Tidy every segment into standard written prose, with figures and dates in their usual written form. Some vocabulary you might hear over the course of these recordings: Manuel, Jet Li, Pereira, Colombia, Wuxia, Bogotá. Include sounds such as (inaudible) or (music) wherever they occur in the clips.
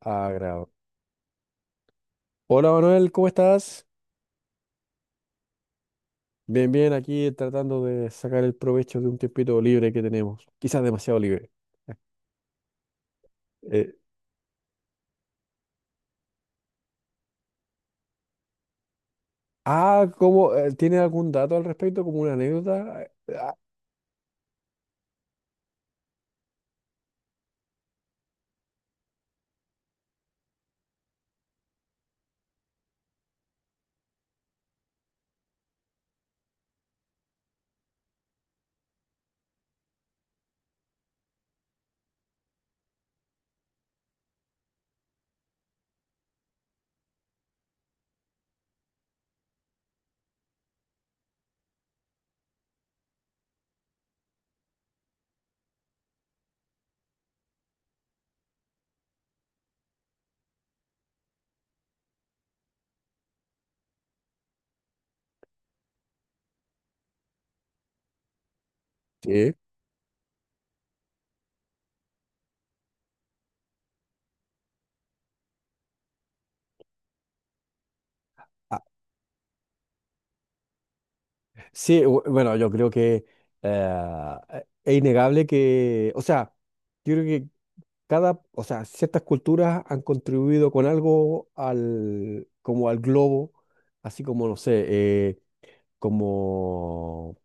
Ah, grabo. Hola Manuel, ¿cómo estás? Bien, bien, aquí tratando de sacar el provecho de un tiempito libre que tenemos. Quizás demasiado libre. Eh, ah, ¿cómo? ¿Tiene algún dato al respecto? ¿Como una anécdota? Ah, sí. Ah, sí, bueno, yo creo que eh, es innegable que, o sea, yo creo que cada, o sea, ciertas culturas han contribuido con algo al, como al globo, así como, no sé, como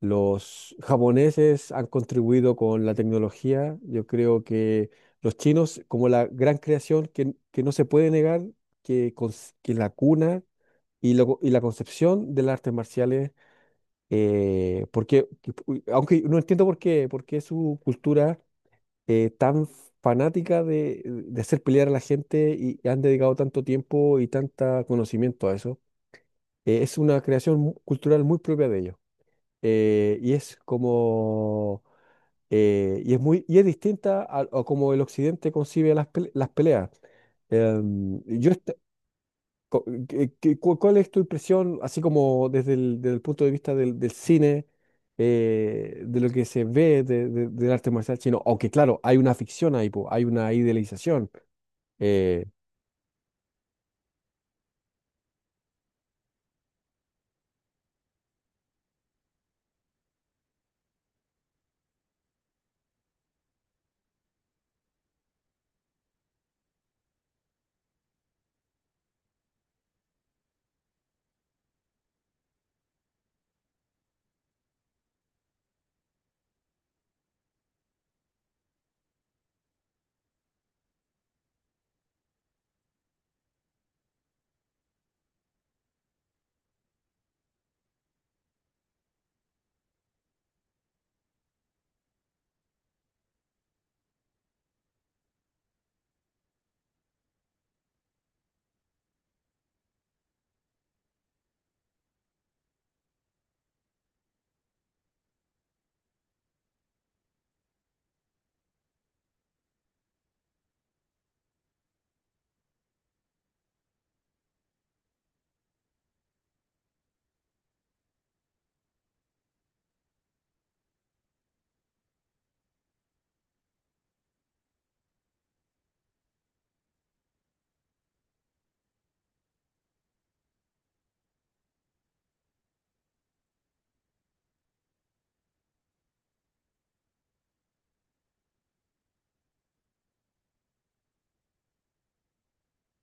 los japoneses han contribuido con la tecnología. Yo creo que los chinos, como la gran creación que no se puede negar, que, que la cuna y la concepción de las artes marciales, porque, aunque no entiendo por qué su cultura tan fanática de hacer pelear a la gente y han dedicado tanto tiempo y tanto conocimiento a eso, es una creación cultural muy propia de ellos, y es como y es distinta a como el Occidente concibe las, las peleas. Em, yo est- co- que- cu- ¿Cuál es tu impresión, así como desde el punto de vista del, del cine, de lo que se ve del arte marcial chino? Aunque claro, hay una ficción ahí, po, hay una idealización. Eh,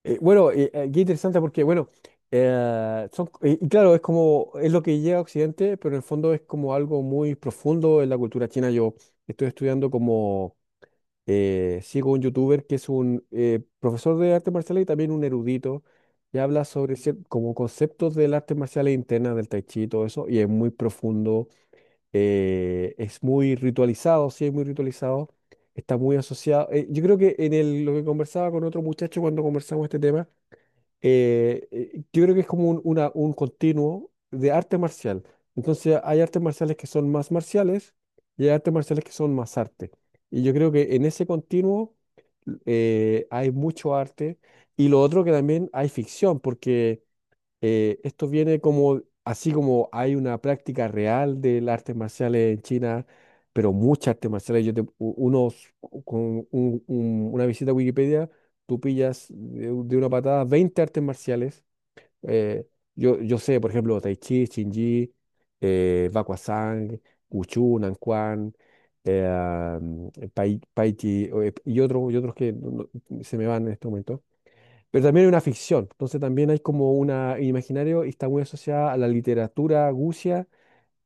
Bueno, Qué interesante porque, bueno, y claro, es como, es lo que llega a Occidente, pero en el fondo es como algo muy profundo en la cultura china. Yo estoy estudiando como, sigo un youtuber que es un profesor de artes marciales y también un erudito, y habla sobre como conceptos del arte marcial e interna, del tai chi y todo eso, y es muy profundo, es muy ritualizado, sí, es muy ritualizado, está muy asociado. Yo creo que en el, lo que conversaba con otro muchacho cuando conversamos este tema, yo creo que es como un, un continuo de arte marcial. Entonces hay artes marciales que son más marciales y hay artes marciales que son más arte. Y yo creo que en ese continuo hay mucho arte. Y lo otro que también hay ficción, porque esto viene como, así como hay una práctica real de las artes marciales en China, pero muchas artes marciales, unos, con una visita a Wikipedia, tú pillas de una patada 20 artes marciales. eh, yo sé, por ejemplo, tai chi, Chin Ji, Bakwazang, Wushu, Nanquan, eh, Pai Chi, o, y otros que se me van en este momento. Pero también hay una ficción, entonces también hay como una imaginario y está muy asociada a la literatura gucia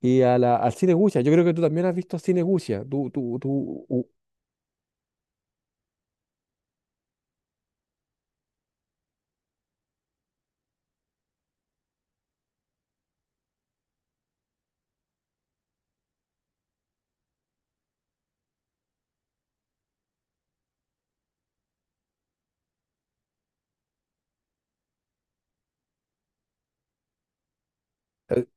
y al cine gucia. Yo creo que tú también has visto cine gucia. Eh,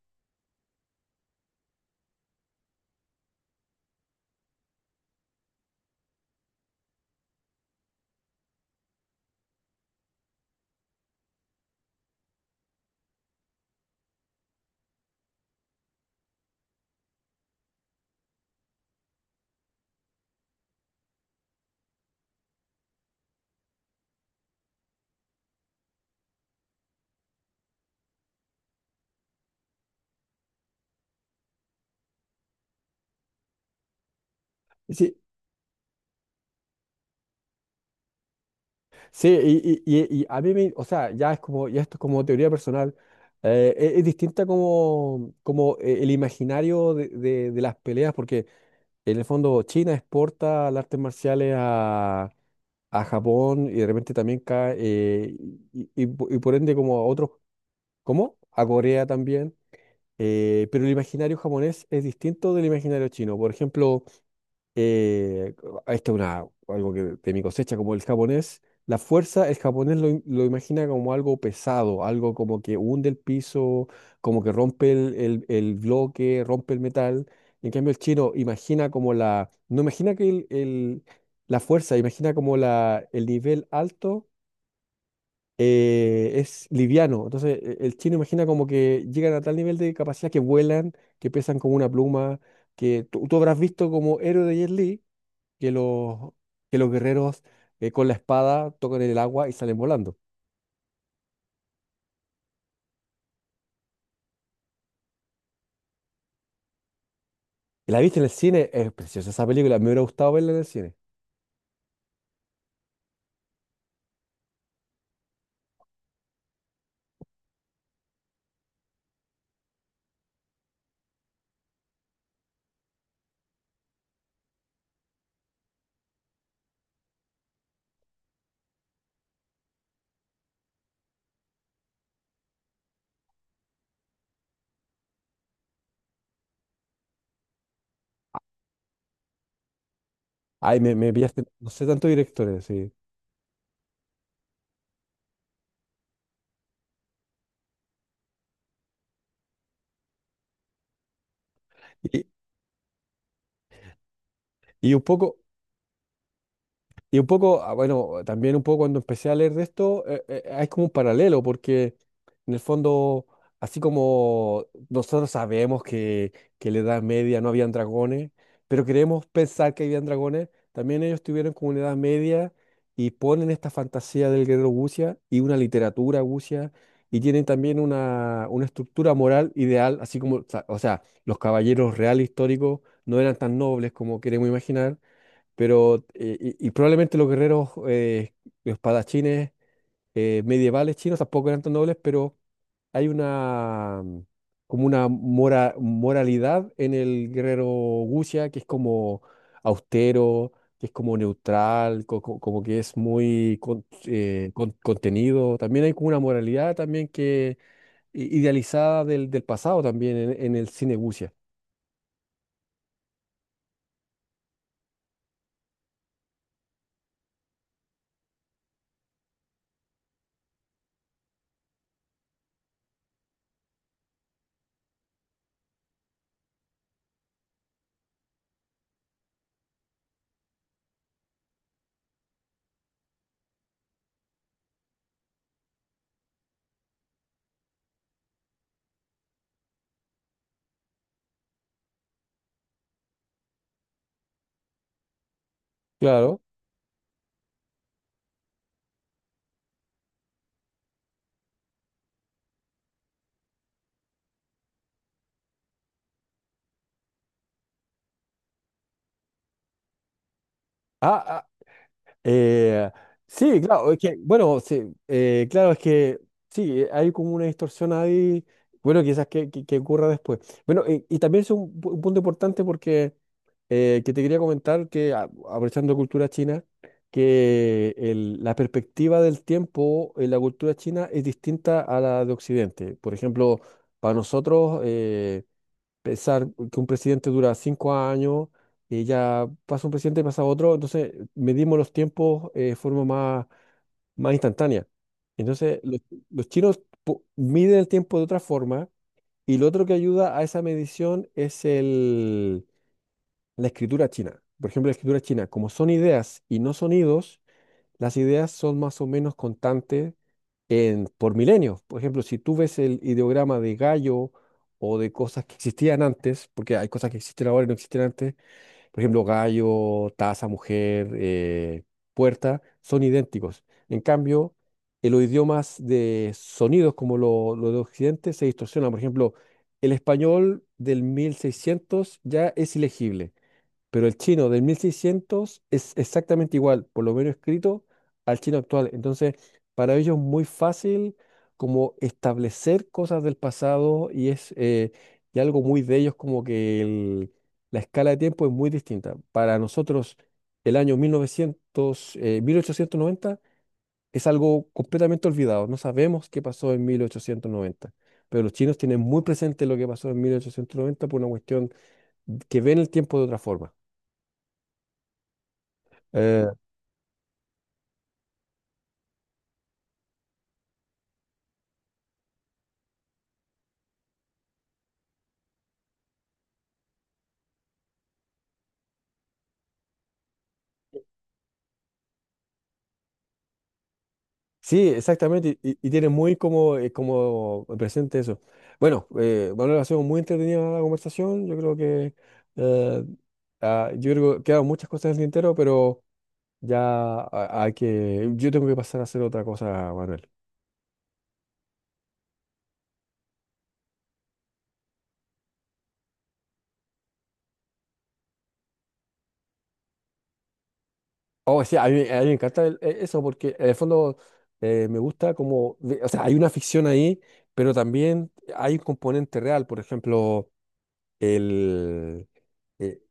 sí, sí, y a mí me, o sea, ya es como, ya esto es como teoría personal. Es distinta como, como el imaginario de las peleas, porque en el fondo China exporta las artes marciales a Japón y de repente también cae, y por ende como a otros. ¿Cómo? A Corea también. Pero el imaginario japonés es distinto del imaginario chino. Por ejemplo, eh, esto es algo que de mi cosecha, como el japonés, la fuerza, el japonés lo imagina como algo pesado, algo como que hunde el piso, como que rompe el bloque, rompe el metal. En cambio, el chino imagina como no imagina que la fuerza, imagina como el nivel alto es liviano. Entonces, el chino imagina como que llegan a tal nivel de capacidad que vuelan, que pesan como una pluma, que tú habrás visto como héroe de Jet Li, que los, que los guerreros con la espada tocan el agua y salen volando. Y la viste en el cine, es preciosa esa película, me hubiera gustado verla en el cine. Ay, me pillaste, no sé tantos directores, sí. Y, y un poco, Y un poco, ah, bueno, también un poco cuando empecé a leer de esto, hay como un paralelo, porque en el fondo, así como nosotros sabemos que en la Edad Media no habían dragones, pero queremos pensar que habían dragones, también ellos tuvieron como una Edad Media y ponen esta fantasía del guerrero Gucia y una literatura Gucia y tienen también una estructura moral ideal, así como, o sea, los caballeros reales históricos no eran tan nobles como queremos imaginar pero, y probablemente los guerreros, los espadachines medievales chinos tampoco eran tan nobles, pero hay como una moralidad en el guerrero Wuxia que es como austero, que es como neutral, como que es muy contenido. También hay como una moralidad también que idealizada del, del pasado también en el cine Wuxia. Claro. Ah, Eh, sí, claro, es que, bueno, sí, claro, es que sí, hay como una distorsión ahí, bueno, quizás que, que ocurra después. Bueno, y también es un punto importante porque que te quería comentar que, aprovechando cultura china, que la perspectiva del tiempo en la cultura china es distinta a la de Occidente. Por ejemplo, para nosotros, pensar que un presidente dura 5 años y ya pasa un presidente y pasa otro, entonces medimos los tiempos de forma más instantánea. Entonces, los chinos miden el tiempo de otra forma y lo otro que ayuda a esa medición es la escritura china. Por ejemplo, la escritura china, como son ideas y no sonidos, las ideas son más o menos constantes por milenios. Por ejemplo, si tú ves el ideograma de gallo o de cosas que existían antes, porque hay cosas que existen ahora y no existían antes, por ejemplo, gallo, taza, mujer, puerta, son idénticos. En cambio, en los idiomas de sonidos como lo de Occidente se distorsiona. Por ejemplo, el español del 1600 ya es ilegible. Pero el chino del 1600 es exactamente igual, por lo menos escrito, al chino actual. Entonces, para ellos es muy fácil como establecer cosas del pasado y es y algo muy de ellos como que la escala de tiempo es muy distinta. Para nosotros, el año 1900, 1890 es algo completamente olvidado. No sabemos qué pasó en 1890. Pero los chinos tienen muy presente lo que pasó en 1890 por una cuestión que ven el tiempo de otra forma. Eh, Sí, exactamente, y tiene muy como, como presente eso. Bueno, Manuel, ha sido muy entretenida la conversación, eh, yo creo que quedan muchas cosas en el tintero, pero ya hay que, yo tengo que pasar a hacer otra cosa, Manuel. Oh, sí, a mí me encanta eso, porque en el fondo me gusta como, o sea, hay una ficción ahí, pero también hay un componente real, por ejemplo, el... eh,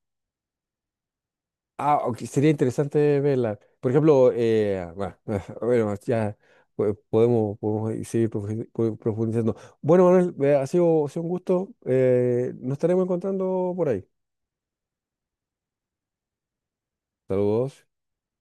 Ah, ok, sería interesante verla. Por ejemplo, bueno, (laughs) bueno, ya podemos seguir profundizando. Bueno, Manuel, ha sido un gusto. Nos estaremos encontrando por ahí. Saludos.